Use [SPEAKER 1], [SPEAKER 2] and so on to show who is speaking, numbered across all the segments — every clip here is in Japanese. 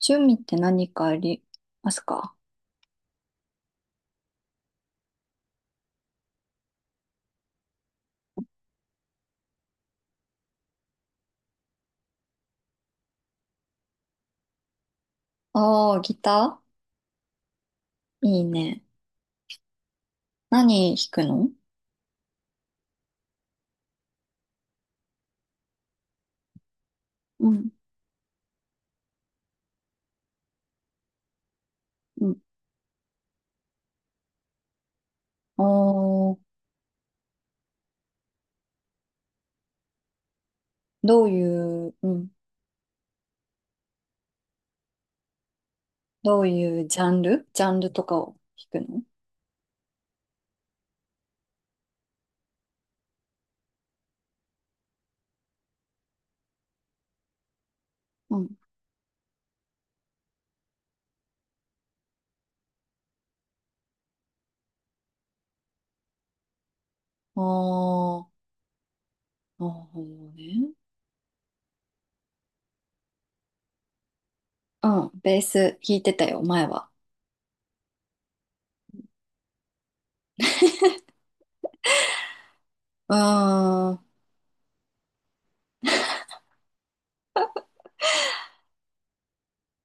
[SPEAKER 1] 趣味って何かありますか？ああー、ギターいいね。何弾くの？うん、うん。おー、どういう、うん、どういうジャンルとかを弾くの？うん。ああー、なるほどね。うん、ベース弾いてたよ、前は。うーん、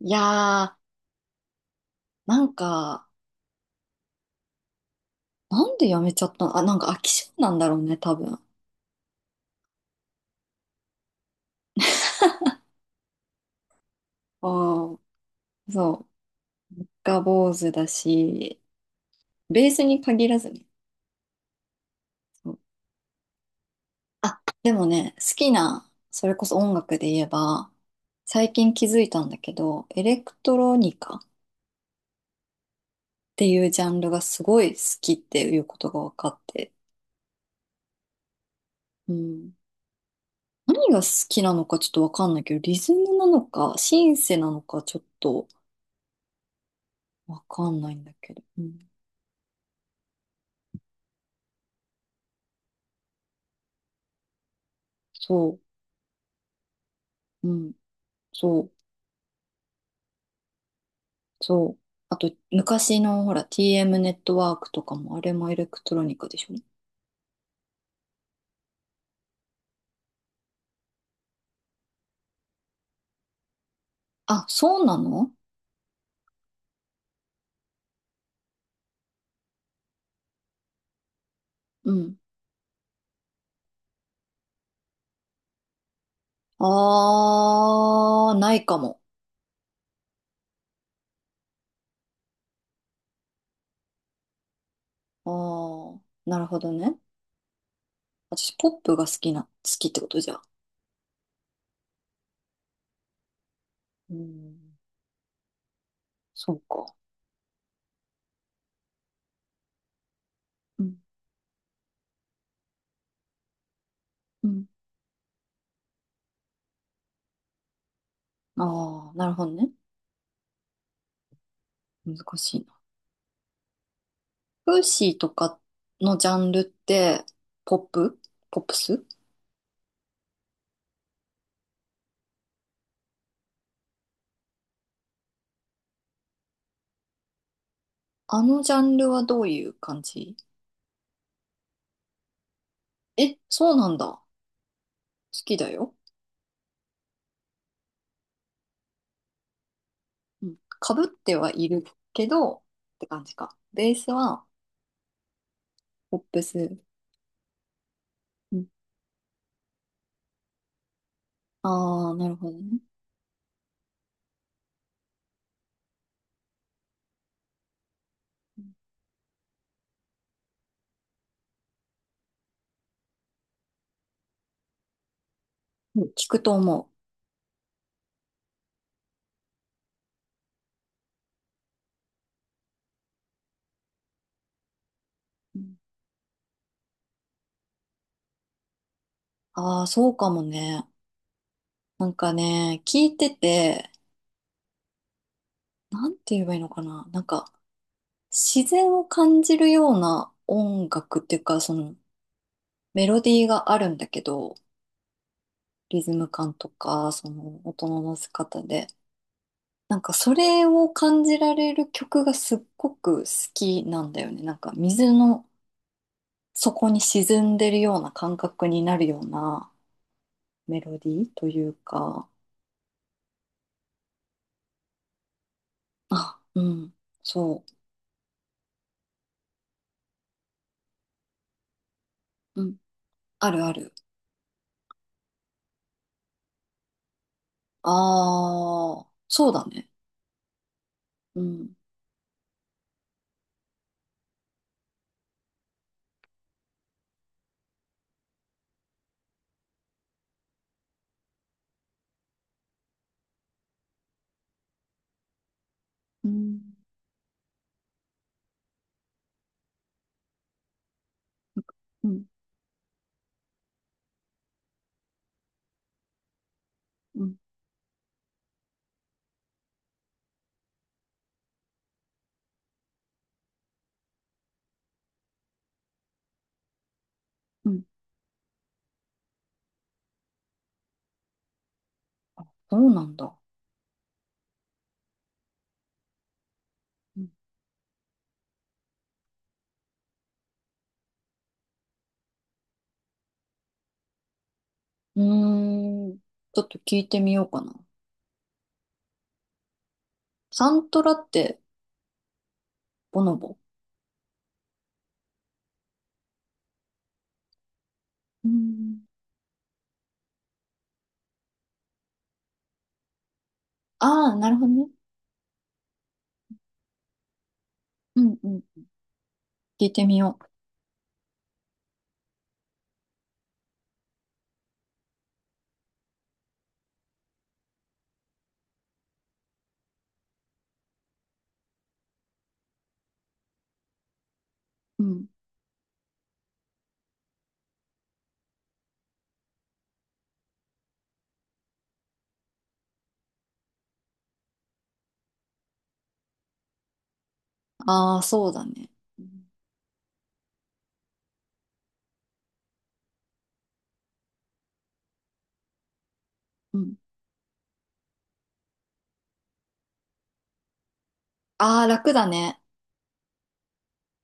[SPEAKER 1] いやー、なんか、なんでやめちゃったの？あ、なんか飽き性なんだろうね、多分。ああ、そう、が坊主だし、ベースに限らずね。あ、でもね、好きな、それこそ音楽で言えば、最近気づいたんだけど、エレクトロニカっていうジャンルがすごい好きっていうことが分かって、うん。何が好きなのかちょっと分かんないけど、リズムなのか、シンセなのかちょっと分かんないんだけど、うん。そう、うん、そう、そう。あと、昔のほら、TM ネットワークとかも、あれもエレクトロニカでしょ？あ、そうなの？うん。あー、ないかも。あー、なるほどね。私、ポップが好きな、好きってことじゃ。うん、そうか。うん、うん。あー、なるほどね。難しいな。フーシーとかのジャンルって、ポップポップス。あのジャンルはどういう感じ？え、そうなんだ。好きだよ。うん。かぶってはいるけど、って感じか。ベースは、ポップス。うん。あー、なるほどね。うん、聞くと思う。ああー、そうかもね。なんかね、聞いてて、なんて言えばいいのかな。なんか、自然を感じるような音楽っていうか、その、メロディーがあるんだけど、リズム感とか、その、音の乗せ方で。なんか、それを感じられる曲がすっごく好きなんだよね。なんか、水の底に沈んでるような感覚になるようなメロディーというか、あ、うん、そう、うん、あるある。ああ、そうだね。うん。うん。うん。うん。うん。そうなんだ。うん。うーん、ちょっと聞いてみようかな。サントラって、ボノボ。うん。ああ、なるほどね。うん、うん。聞いてみよう。うん。ああ、そうだね。うん。うん。ああ、楽だね。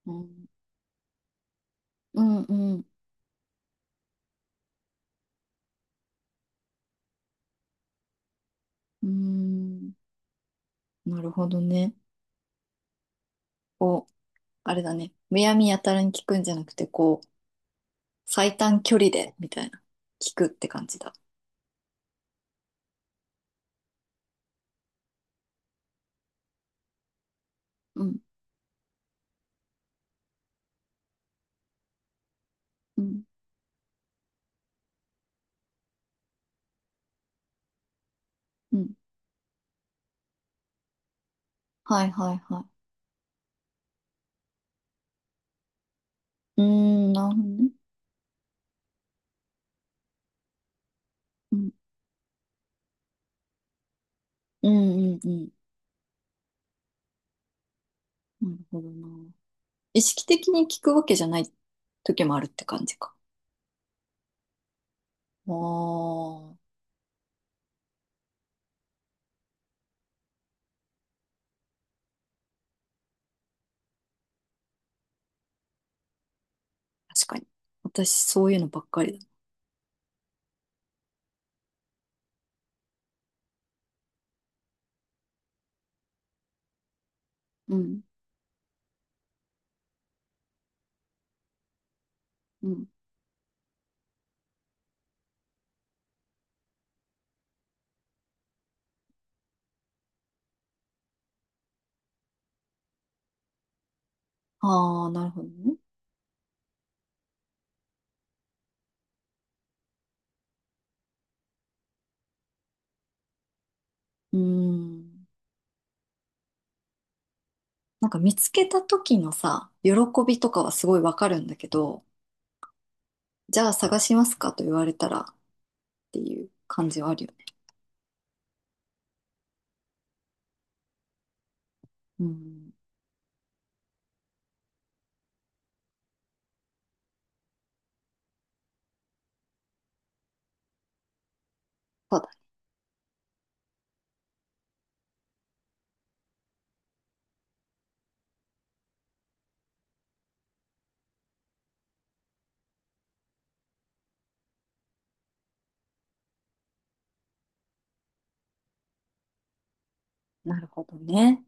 [SPEAKER 1] うん。うん、うん。うーん。なるほどね。こう、あれだね。むやみやたらに聞くんじゃなくて、こう、最短距離で、みたいな。聞くって感じだ。うん、うん、うん。はい、はい、はい。うーん、なるほどね。うん、うん、うん、うん。なるほどな。意識的に聞くわけじゃない時もあるって感じか？ああ、確かに。私、そういうのばっかりだ。うん、うん。ああ、なるほどね。うーん。なんか見つけた時のさ、喜びとかはすごいわかるんだけど、じゃあ探しますかと言われたらっていう感じはあるよね。うん。そうだ。なるほどね。